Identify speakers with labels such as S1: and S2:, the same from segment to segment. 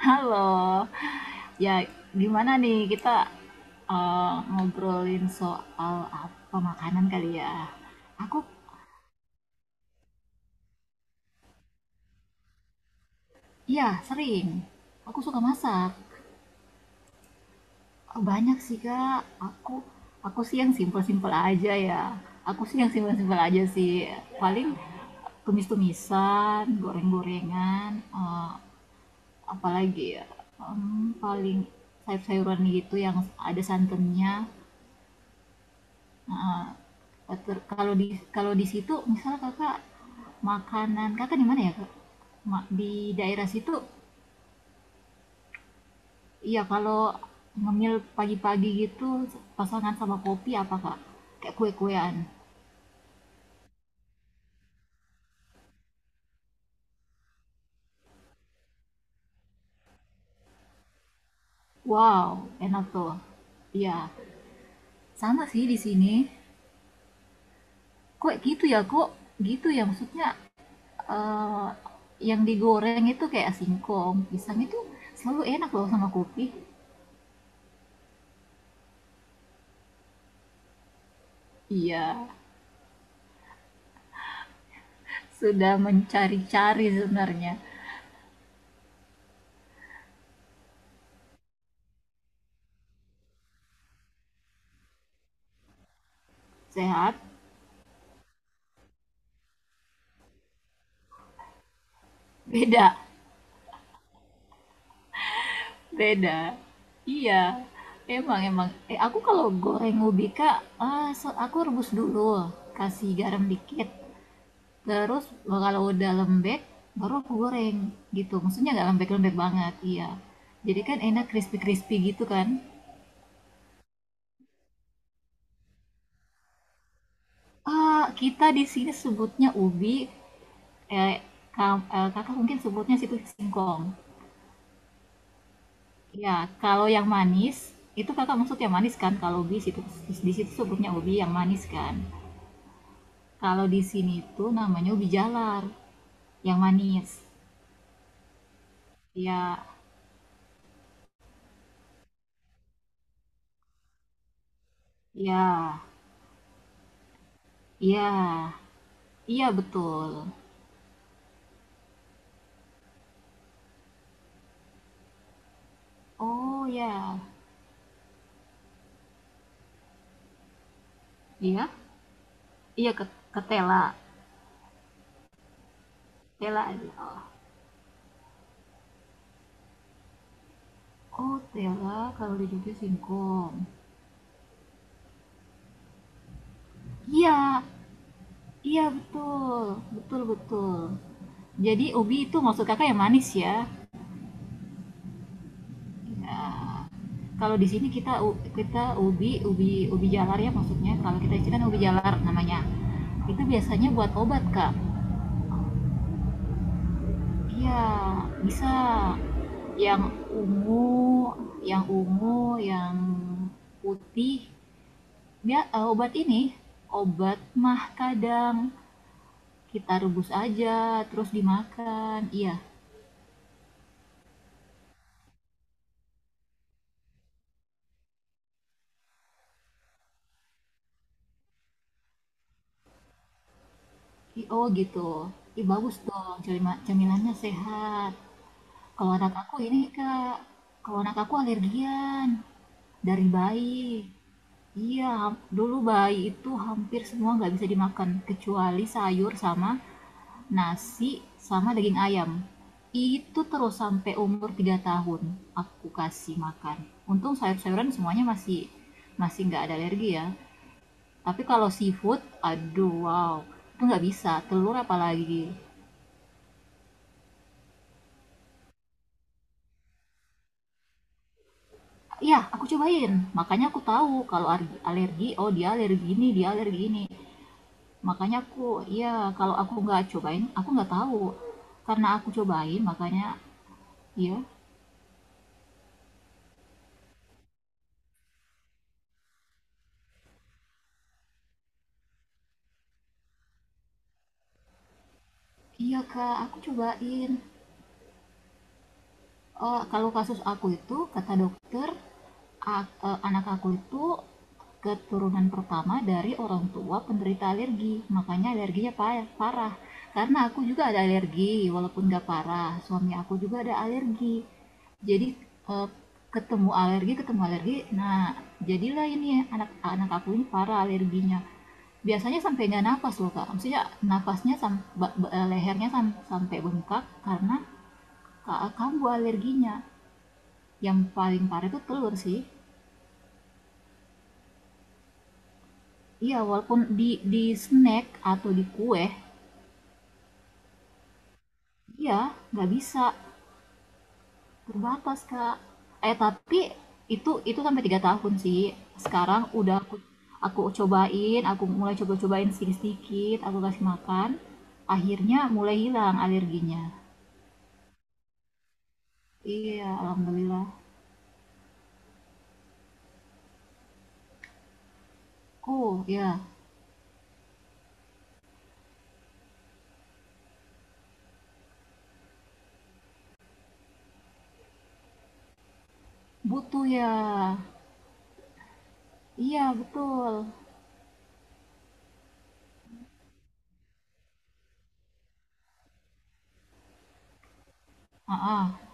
S1: Halo. Ya, gimana nih kita, eee, ngobrolin soal apa, makanan kali ya? Aku ya sering, aku suka masak. Oh, banyak sih, Kak. Aku aku sih yang simpel-simpel aja ya, aku sih yang simpel-simpel aja sih, paling tumis-tumisan, goreng-gorengan, eee, apalagi ya, paling sayur-sayuran gitu yang ada santannya. Kalau di kalau di situ misalnya kakak makanan kakak di mana ya kak? Di daerah situ, iya kalau ngemil pagi-pagi gitu pasangan sama kopi apa kak? Kayak kue-kuean. Wow, enak tuh. Iya, sama sih di sini. Kok? Gitu ya maksudnya eh, yang digoreng itu kayak singkong, pisang itu selalu enak loh sama kopi. Iya, sudah mencari-cari sebenarnya. Sehat, beda, beda. Iya, emang emang. Eh, aku kalau goreng ubika, aku rebus dulu, kasih garam dikit. Terus kalau udah lembek, baru aku goreng gitu. Maksudnya nggak lembek-lembek banget, iya. Jadi kan enak crispy-crispy gitu kan. Ah, kita di sini sebutnya ubi, eh, kakak mungkin sebutnya situ singkong. Ya, kalau yang manis, itu kakak maksud yang manis kan? Kalau ubi situ, di situ sebutnya ubi yang manis kan? Kalau di sini tuh namanya ubi jalar, yang manis. Ya, ya, ya, iya betul. Oh ya, iya, iya ke, ketela, tela tela aja. Oh tela, kalau di Jogja singkong. Iya, iya betul, betul. Jadi ubi itu maksud kakak yang manis ya? Ya. Kalau di sini kita kita ubi ubi ubi jalar ya maksudnya. Kalau kita di kan ubi jalar namanya. Itu biasanya buat obat kak. Iya, bisa. Yang ungu, yang ungu, yang putih. Dia obat ini, obat mah kadang kita rebus aja, terus dimakan. Iya, oh gitu. Ih, bagus dong, cemilannya sehat. Kalau anak aku ini, Kak, kalau anak aku alergian dari bayi. Iya, dulu bayi itu hampir semua nggak bisa dimakan, kecuali sayur sama nasi sama daging ayam. Itu terus sampai umur 3 tahun aku kasih makan. Untung sayur-sayuran semuanya masih masih nggak ada alergi ya. Tapi kalau seafood, aduh wow, itu nggak bisa. Telur apalagi. Ya, aku cobain. Makanya aku tahu kalau alergi, oh dia alergi ini, dia alergi ini. Makanya aku, ya kalau aku nggak cobain, aku nggak tahu. Karena aku cobain, makanya, ya, iya kak, aku cobain. Eh, kalau kasus aku itu kata dokter anak aku itu keturunan pertama dari orang tua penderita alergi, makanya alerginya parah, karena aku juga ada alergi walaupun gak parah, suami aku juga ada alergi, jadi eh, ketemu alergi nah jadilah ini anak anak aku ini parah alerginya, biasanya sampai nggak nafas loh kak, maksudnya nafasnya sam- lehernya sampai bengkak karena kambuh alerginya. Yang paling parah itu telur sih. Iya, walaupun di snack atau di kue, iya nggak bisa, terbatas kak. Eh tapi itu sampai tiga tahun sih. Sekarang udah aku cobain, aku mulai coba-cobain sedikit-sedikit, aku kasih makan. Akhirnya mulai hilang alerginya. Iya, alhamdulillah. Oh ya, butuh ya. Iya betul. Ah, ah.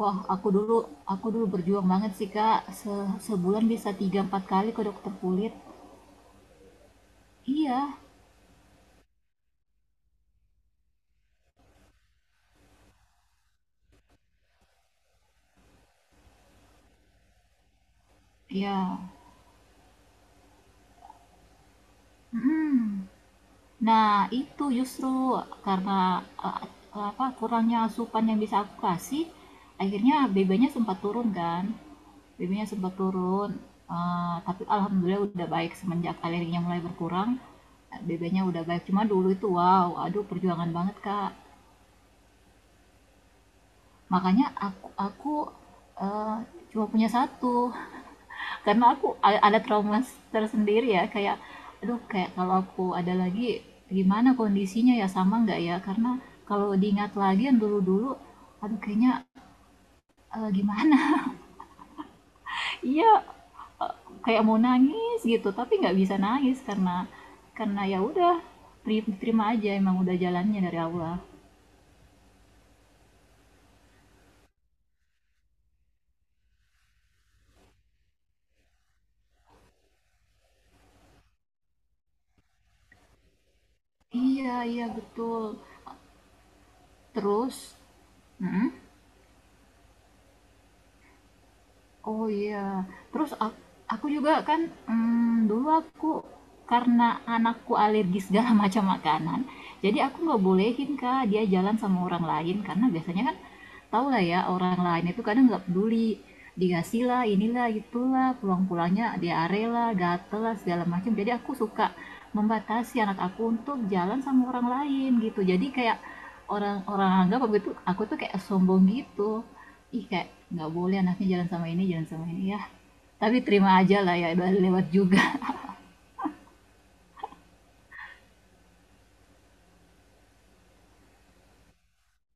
S1: Wah, aku dulu berjuang banget sih, Kak. Sebulan bisa tiga empat kali ke dokter kulit. Iya, iya. mm Nah, itu justru karena eh, apa kurangnya asupan yang bisa aku kasih, akhirnya BB-nya sempat turun kan. BB-nya sempat turun. Eh, tapi alhamdulillah udah baik semenjak alerginya mulai berkurang. BB-nya udah baik. Cuma dulu itu wow, aduh perjuangan banget, Kak. Makanya aku eh, cuma punya satu karena aku ada trauma tersendiri ya, kayak aduh kayak kalau aku ada lagi gimana kondisinya ya sama nggak ya, karena kalau diingat lagi yang dulu-dulu aduh kayaknya gimana iya eh, kayak mau nangis gitu tapi nggak bisa nangis karena ya udah terima aja emang udah jalannya dari Allah. Iya iya betul, terus mm-mm. Oh iya, terus aku juga kan, dulu aku karena anakku alergi segala macam makanan, jadi aku nggak bolehin Kak dia jalan sama orang lain karena biasanya kan tau lah ya orang lain itu kadang nggak peduli, dikasih lah inilah itulah pulang-pulangnya diare lah gatel lah segala macam, jadi aku suka membatasi anak aku untuk jalan sama orang lain gitu, jadi kayak orang orang anggap aku itu aku tuh kayak sombong gitu, ih kayak nggak boleh anaknya jalan sama ini ya, tapi terima aja lah ya udah lewat juga.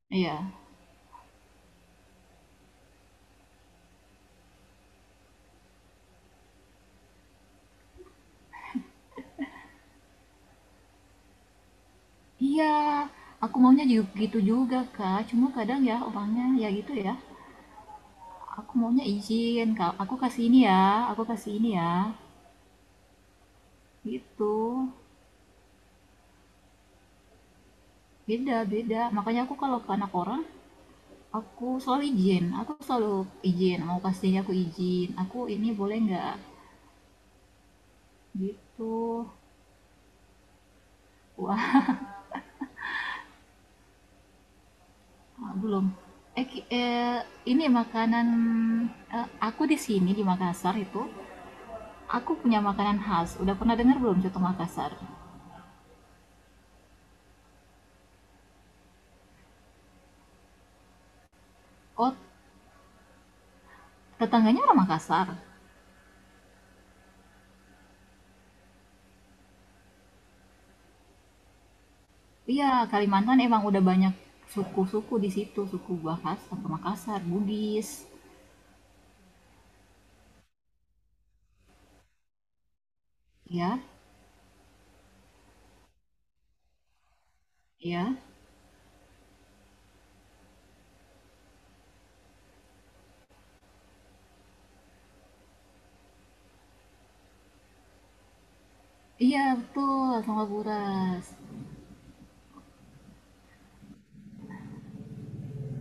S1: Iya iya, aku maunya juga gitu juga kak, cuma kadang ya orangnya ya gitu ya, aku maunya izin kak aku kasih ini ya aku kasih ini ya gitu. Beda beda, makanya aku kalau ke anak orang aku selalu izin, aku selalu izin mau kasihnya, aku izin aku ini boleh nggak gitu. Wah, oh belum. Eh, ki- eh, ini makanan aku di sini di Makassar itu, aku punya makanan khas. Udah pernah dengar belum contoh Makassar? Oh, tetangganya orang Makassar. Iya, Kalimantan emang udah banyak suku-suku di situ, suku Bahas atau Makassar, Bugis, ya, ya. Iya betul, sama Buras.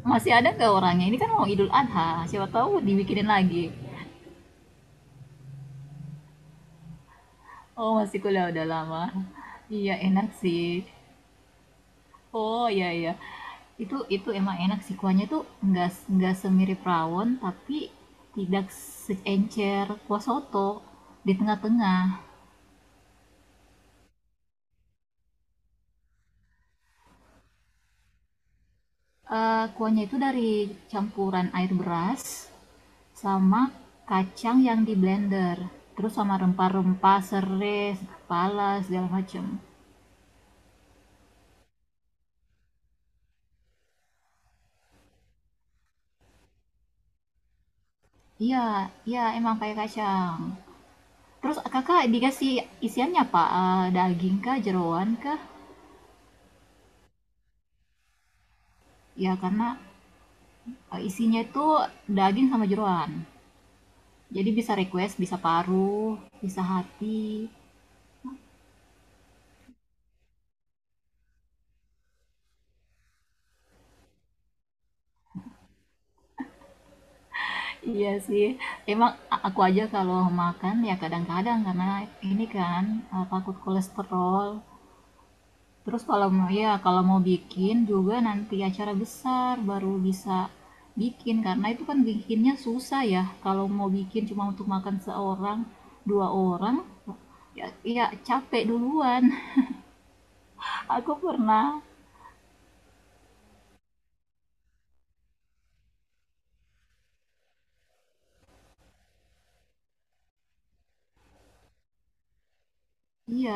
S1: Masih ada nggak orangnya? Ini kan mau Idul Adha, siapa tahu dibikinin lagi. Oh masih kuliah udah lama. Iya enak sih. Oh, iya iya. Itu emang enak sih kuahnya tuh nggak nggak semirip rawon tapi tidak seencer kuah soto di tengah-tengah. Eh, kuahnya itu dari campuran air beras sama kacang yang di blender. Terus sama rempah-rempah, serai, kepala, segala macem. Iya, iya emang kayak kacang. Terus kakak dikasih isiannya apa? Eh, daging kah, jeroan kah? Ya karena eh, isinya itu daging sama jeroan. Jadi bisa request, bisa paru, bisa hati. Iya sih. Emang aku aja kalau makan ya kadang-kadang karena ini kan takut kolesterol. Terus kalau mau ya kalau mau bikin juga nanti acara besar baru bisa bikin karena itu kan bikinnya susah ya. Kalau mau bikin cuma untuk makan seorang, dua orang ya, ya capek duluan. Aku pernah iya,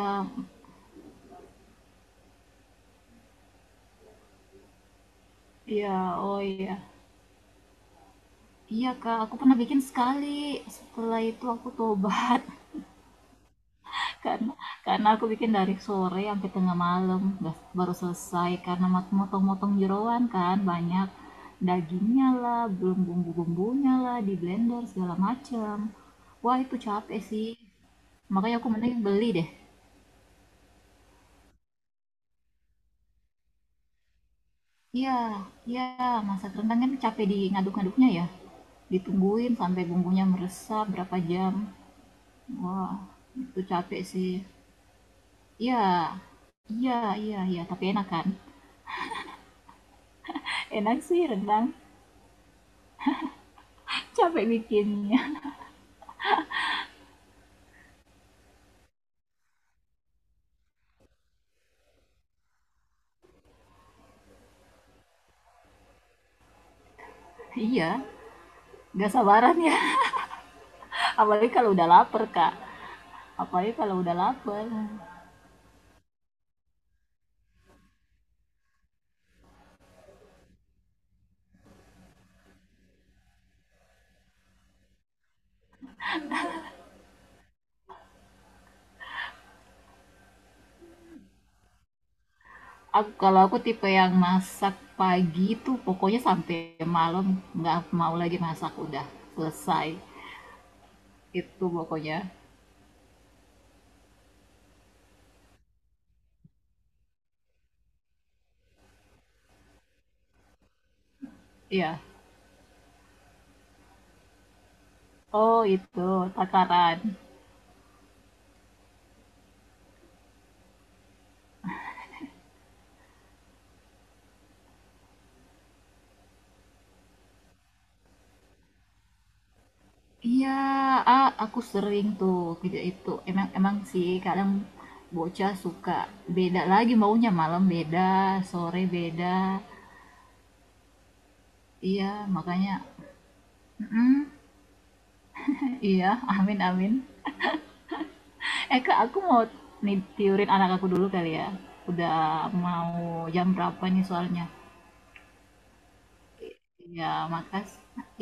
S1: iya, oh iya. Iya, Kak, aku pernah bikin sekali. Setelah itu aku tobat karena karena aku bikin dari sore sampai tengah malam, nggak- baru selesai karena motong-motong jeroan kan banyak dagingnya lah, belum bumbu-bumbunya lah di blender segala macam. Wah, itu capek sih. Makanya aku mending beli deh. Iya, iya, masak rendang kan capek di ngaduk-ngaduknya ya. Ditungguin sampai bumbunya meresap berapa jam. Wah, itu capek sih. Iya. Iya iya iya, tapi enak kan? Enak sih rendang, capek bikinnya. Iya, nggak sabaran ya. Apalagi kalau udah lapar, Kak. Apalagi kalau udah lapar. Aku, kalau aku tipe yang masak pagi itu pokoknya sampai malam nggak mau lagi masak, udah selesai. Itu pokoknya. Iya. Oh, itu takaran. Iya, ah, aku sering tuh video itu. Emang emang sih kadang bocah suka beda lagi maunya malam beda, sore beda. Iya, makanya mm, iya, amin amin. Eh Kak, aku mau nih tiurin anak aku dulu kali ya. Udah mau jam berapa nih soalnya? Iya, makasih